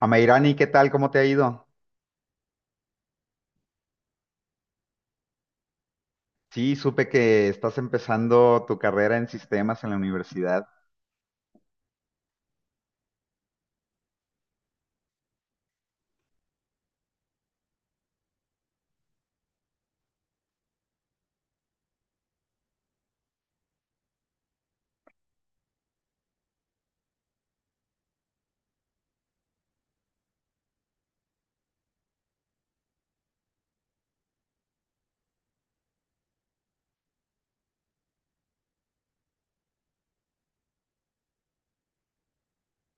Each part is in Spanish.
Amairani, ¿qué tal? ¿Cómo te ha ido? Sí, supe que estás empezando tu carrera en sistemas en la universidad.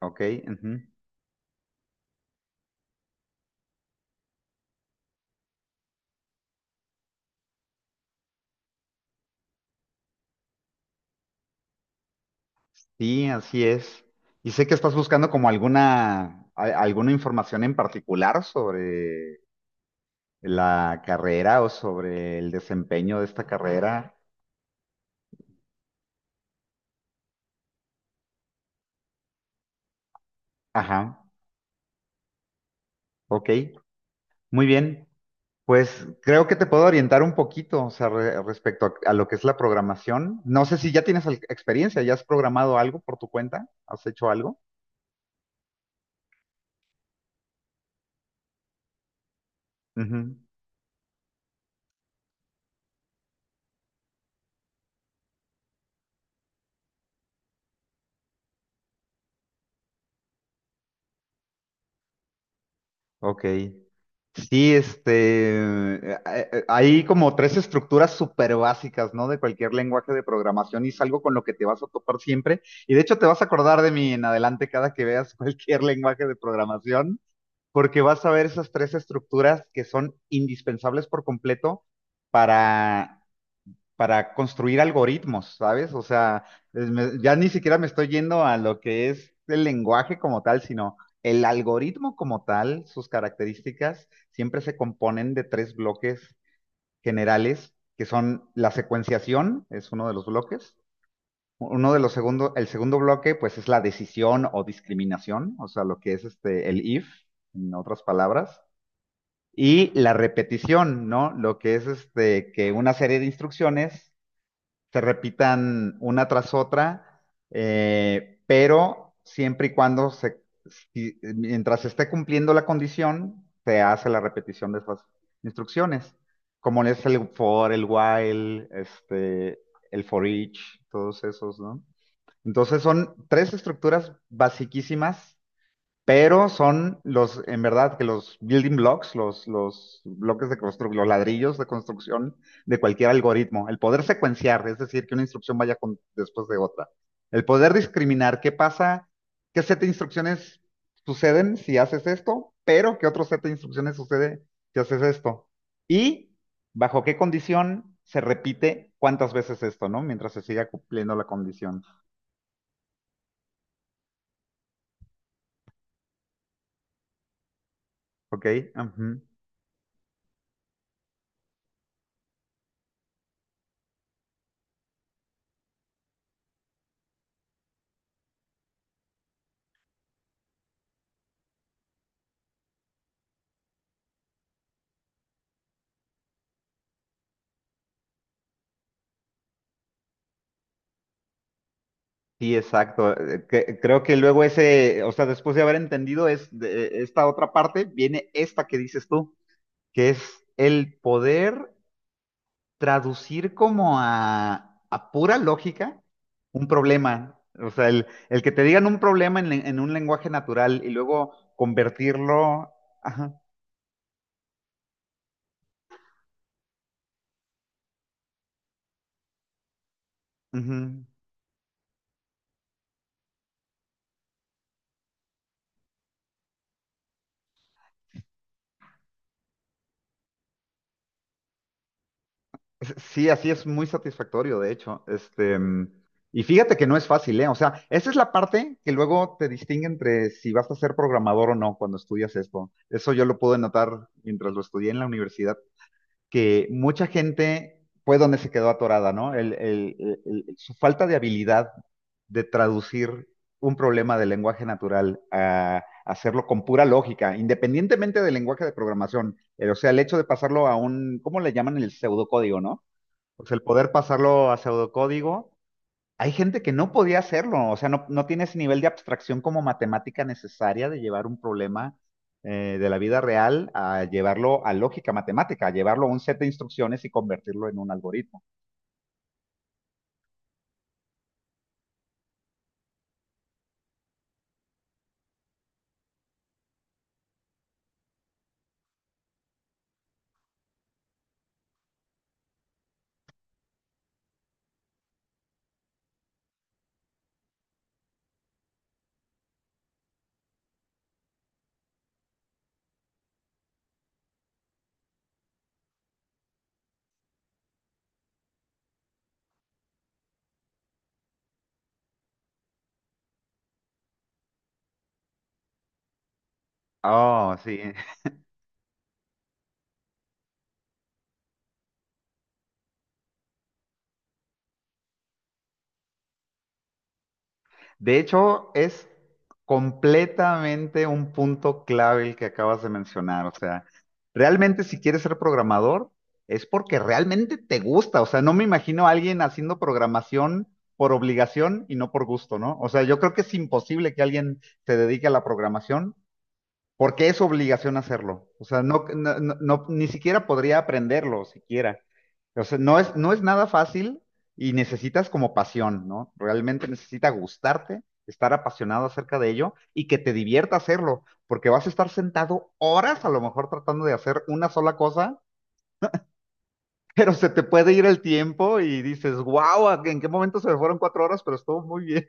Ok, ujú. Sí, así es. Y sé que estás buscando como alguna, alguna información en particular sobre la carrera o sobre el desempeño de esta carrera. Ajá, ok, muy bien. Pues creo que te puedo orientar un poquito, o sea, respecto a lo que es la programación. No sé si ya tienes experiencia, ya has programado algo por tu cuenta, has hecho algo. Ujú, ok. Sí, este, hay como tres estructuras súper básicas, ¿no? De cualquier lenguaje de programación y es algo con lo que te vas a topar siempre. Y de hecho te vas a acordar de mí en adelante cada que veas cualquier lenguaje de programación, porque vas a ver esas tres estructuras que son indispensables por completo para para construir algoritmos, ¿sabes? O sea, ya ni siquiera me estoy yendo a lo que es el lenguaje como tal, sino el algoritmo como tal, sus características siempre se componen de tres bloques generales, que son la secuenciación, es uno de los bloques. Uno de los segundos, el segundo bloque, pues es la decisión o discriminación, o sea, lo que es este, el if, en otras palabras. Y la repetición, ¿no? Lo que es este, que una serie de instrucciones se repitan una tras otra, pero siempre y cuando se, mientras se esté cumpliendo la condición, se hace la repetición de esas instrucciones, como es el for, el while, este, el for each, todos esos, ¿no? Entonces son tres estructuras basiquísimas pero son los, en verdad, que los building blocks, los bloques de construcción, los ladrillos de construcción de cualquier algoritmo. El poder secuenciar, es decir, que una instrucción vaya después de otra. El poder discriminar qué pasa, qué set de instrucciones suceden si haces esto, pero qué otro set de instrucciones sucede si haces esto. Y bajo qué condición se repite cuántas veces esto, ¿no? Mientras se siga cumpliendo la condición. ¿Ok? Ujú. Sí, exacto. Creo que luego ese, o sea, después de haber entendido es, esta otra parte, viene esta que dices tú, que es el poder traducir como a pura lógica un problema. O sea, el que te digan un problema en, en un lenguaje natural y luego convertirlo. Ajá, ujú. Sí, así es muy satisfactorio, de hecho. Este, y fíjate que no es fácil, ¿eh? O sea, esa es la parte que luego te distingue entre si vas a ser programador o no cuando estudias esto. Eso yo lo pude notar mientras lo estudié en la universidad, que mucha gente fue donde se quedó atorada, ¿no? Su falta de habilidad de traducir un problema de lenguaje natural a hacerlo con pura lógica, independientemente del lenguaje de programación. O sea, el hecho de pasarlo a un, ¿cómo le llaman? El pseudocódigo, ¿no? Pues el poder pasarlo a pseudocódigo. Hay gente que no podía hacerlo, o sea, no, no tiene ese nivel de abstracción como matemática necesaria de llevar un problema de la vida real a llevarlo a lógica matemática, a llevarlo a un set de instrucciones y convertirlo en un algoritmo. Oh, sí. De hecho, es completamente un punto clave el que acabas de mencionar. O sea, realmente si quieres ser programador, es porque realmente te gusta. O sea, no me imagino a alguien haciendo programación por obligación y no por gusto, ¿no? O sea, yo creo que es imposible que alguien se dedique a la programación porque es obligación hacerlo. O sea, no, no, ni siquiera podría aprenderlo, siquiera. O sea, no es, no es nada fácil y necesitas como pasión, ¿no? Realmente necesita gustarte, estar apasionado acerca de ello y que te divierta hacerlo, porque vas a estar sentado horas a lo mejor tratando de hacer una sola cosa, pero se te puede ir el tiempo y dices, wow, ¿en qué momento se me fueron cuatro horas? Pero estuvo muy bien.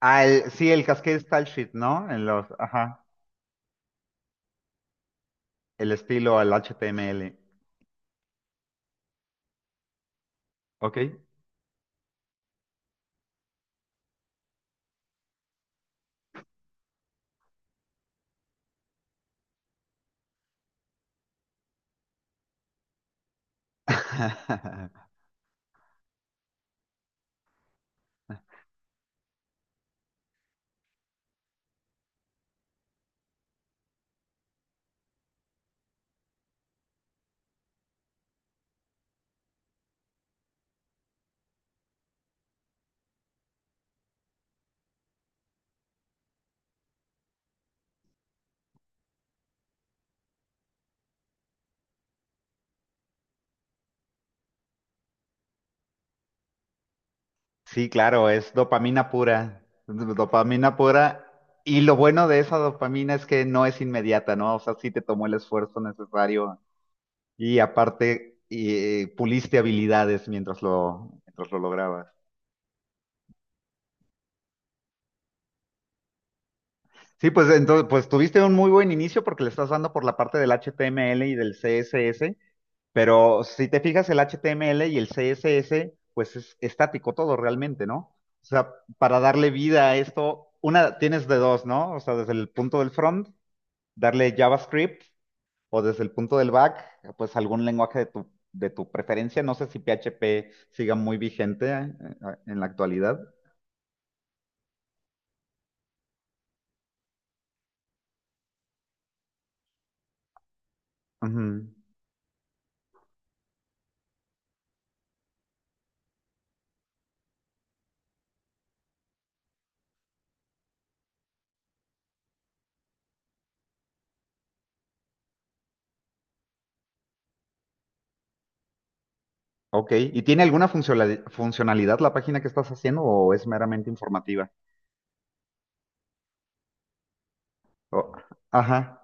Ah, sí, el Cascade Style Sheet, ¿no? En los, ajá, el estilo, el HTML. Ok. Sí, claro, es dopamina pura, dopamina pura. Y lo bueno de esa dopamina es que no es inmediata, ¿no? O sea, sí te tomó el esfuerzo necesario y aparte puliste habilidades mientras lo lograbas. Sí, pues entonces, pues tuviste un muy buen inicio porque le estás dando por la parte del HTML y del CSS. Pero si te fijas, el HTML y el CSS, pues es estático todo realmente, ¿no? O sea, para darle vida a esto, una tienes de dos, ¿no? O sea, desde el punto del front, darle JavaScript, o desde el punto del back, pues algún lenguaje de tu preferencia. No sé si PHP siga muy vigente en la actualidad. Ujú. Ok, ¿y tiene alguna funcionalidad la página que estás haciendo o es meramente informativa? O- ajá.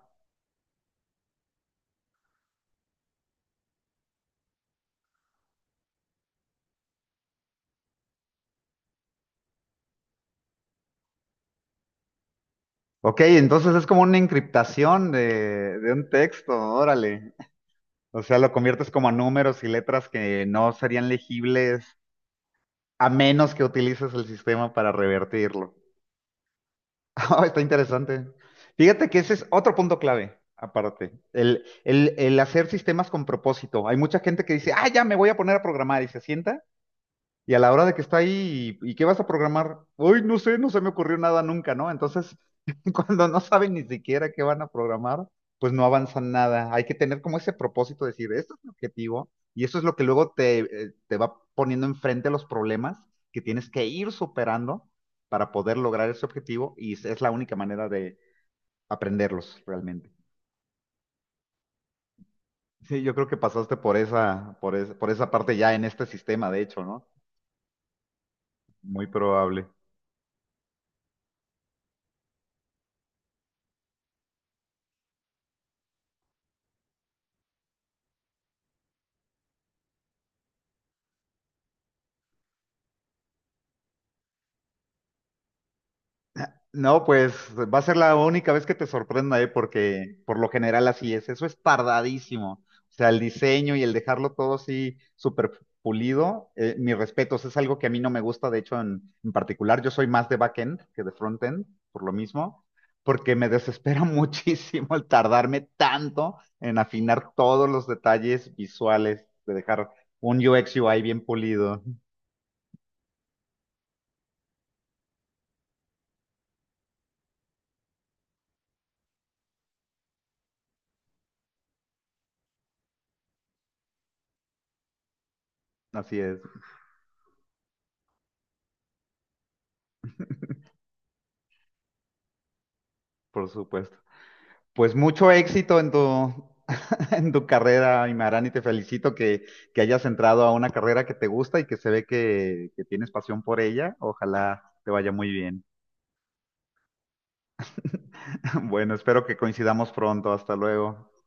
Ok, entonces es como una encriptación de un texto, órale. O sea, lo conviertes como a números y letras que no serían legibles a menos que utilices el sistema para revertirlo. Ah, está interesante. Fíjate que ese es otro punto clave, aparte. El hacer sistemas con propósito. Hay mucha gente que dice, ah, ya me voy a poner a programar y se sienta. Y a la hora de que está ahí, y qué vas a programar? Uy, no sé, no se me ocurrió nada nunca, ¿no? Entonces, cuando no saben ni siquiera qué van a programar, pues no avanzan nada. Hay que tener como ese propósito de decir, esto es mi objetivo, y eso es lo que luego te, te va poniendo enfrente los problemas que tienes que ir superando para poder lograr ese objetivo, y es la única manera de aprenderlos realmente. Sí, yo creo que pasaste por esa, por esa parte ya en este sistema, de hecho, ¿no? Muy probable. No, pues va a ser la única vez que te sorprenda, ¿eh? Porque por lo general así es. Eso es tardadísimo. O sea, el diseño y el dejarlo todo así súper pulido, mis respetos, es algo que a mí no me gusta, de hecho, en particular. Yo soy más de backend que de frontend, por lo mismo, porque me desespera muchísimo el tardarme tanto en afinar todos los detalles visuales, de dejar un UX UI bien pulido. Así es, por supuesto. Pues mucho éxito en tu, en tu carrera, Imarán, y te felicito que hayas entrado a una carrera que te gusta y que se ve que tienes pasión por ella. Ojalá te vaya muy bien. Bueno, espero que coincidamos pronto. Hasta luego.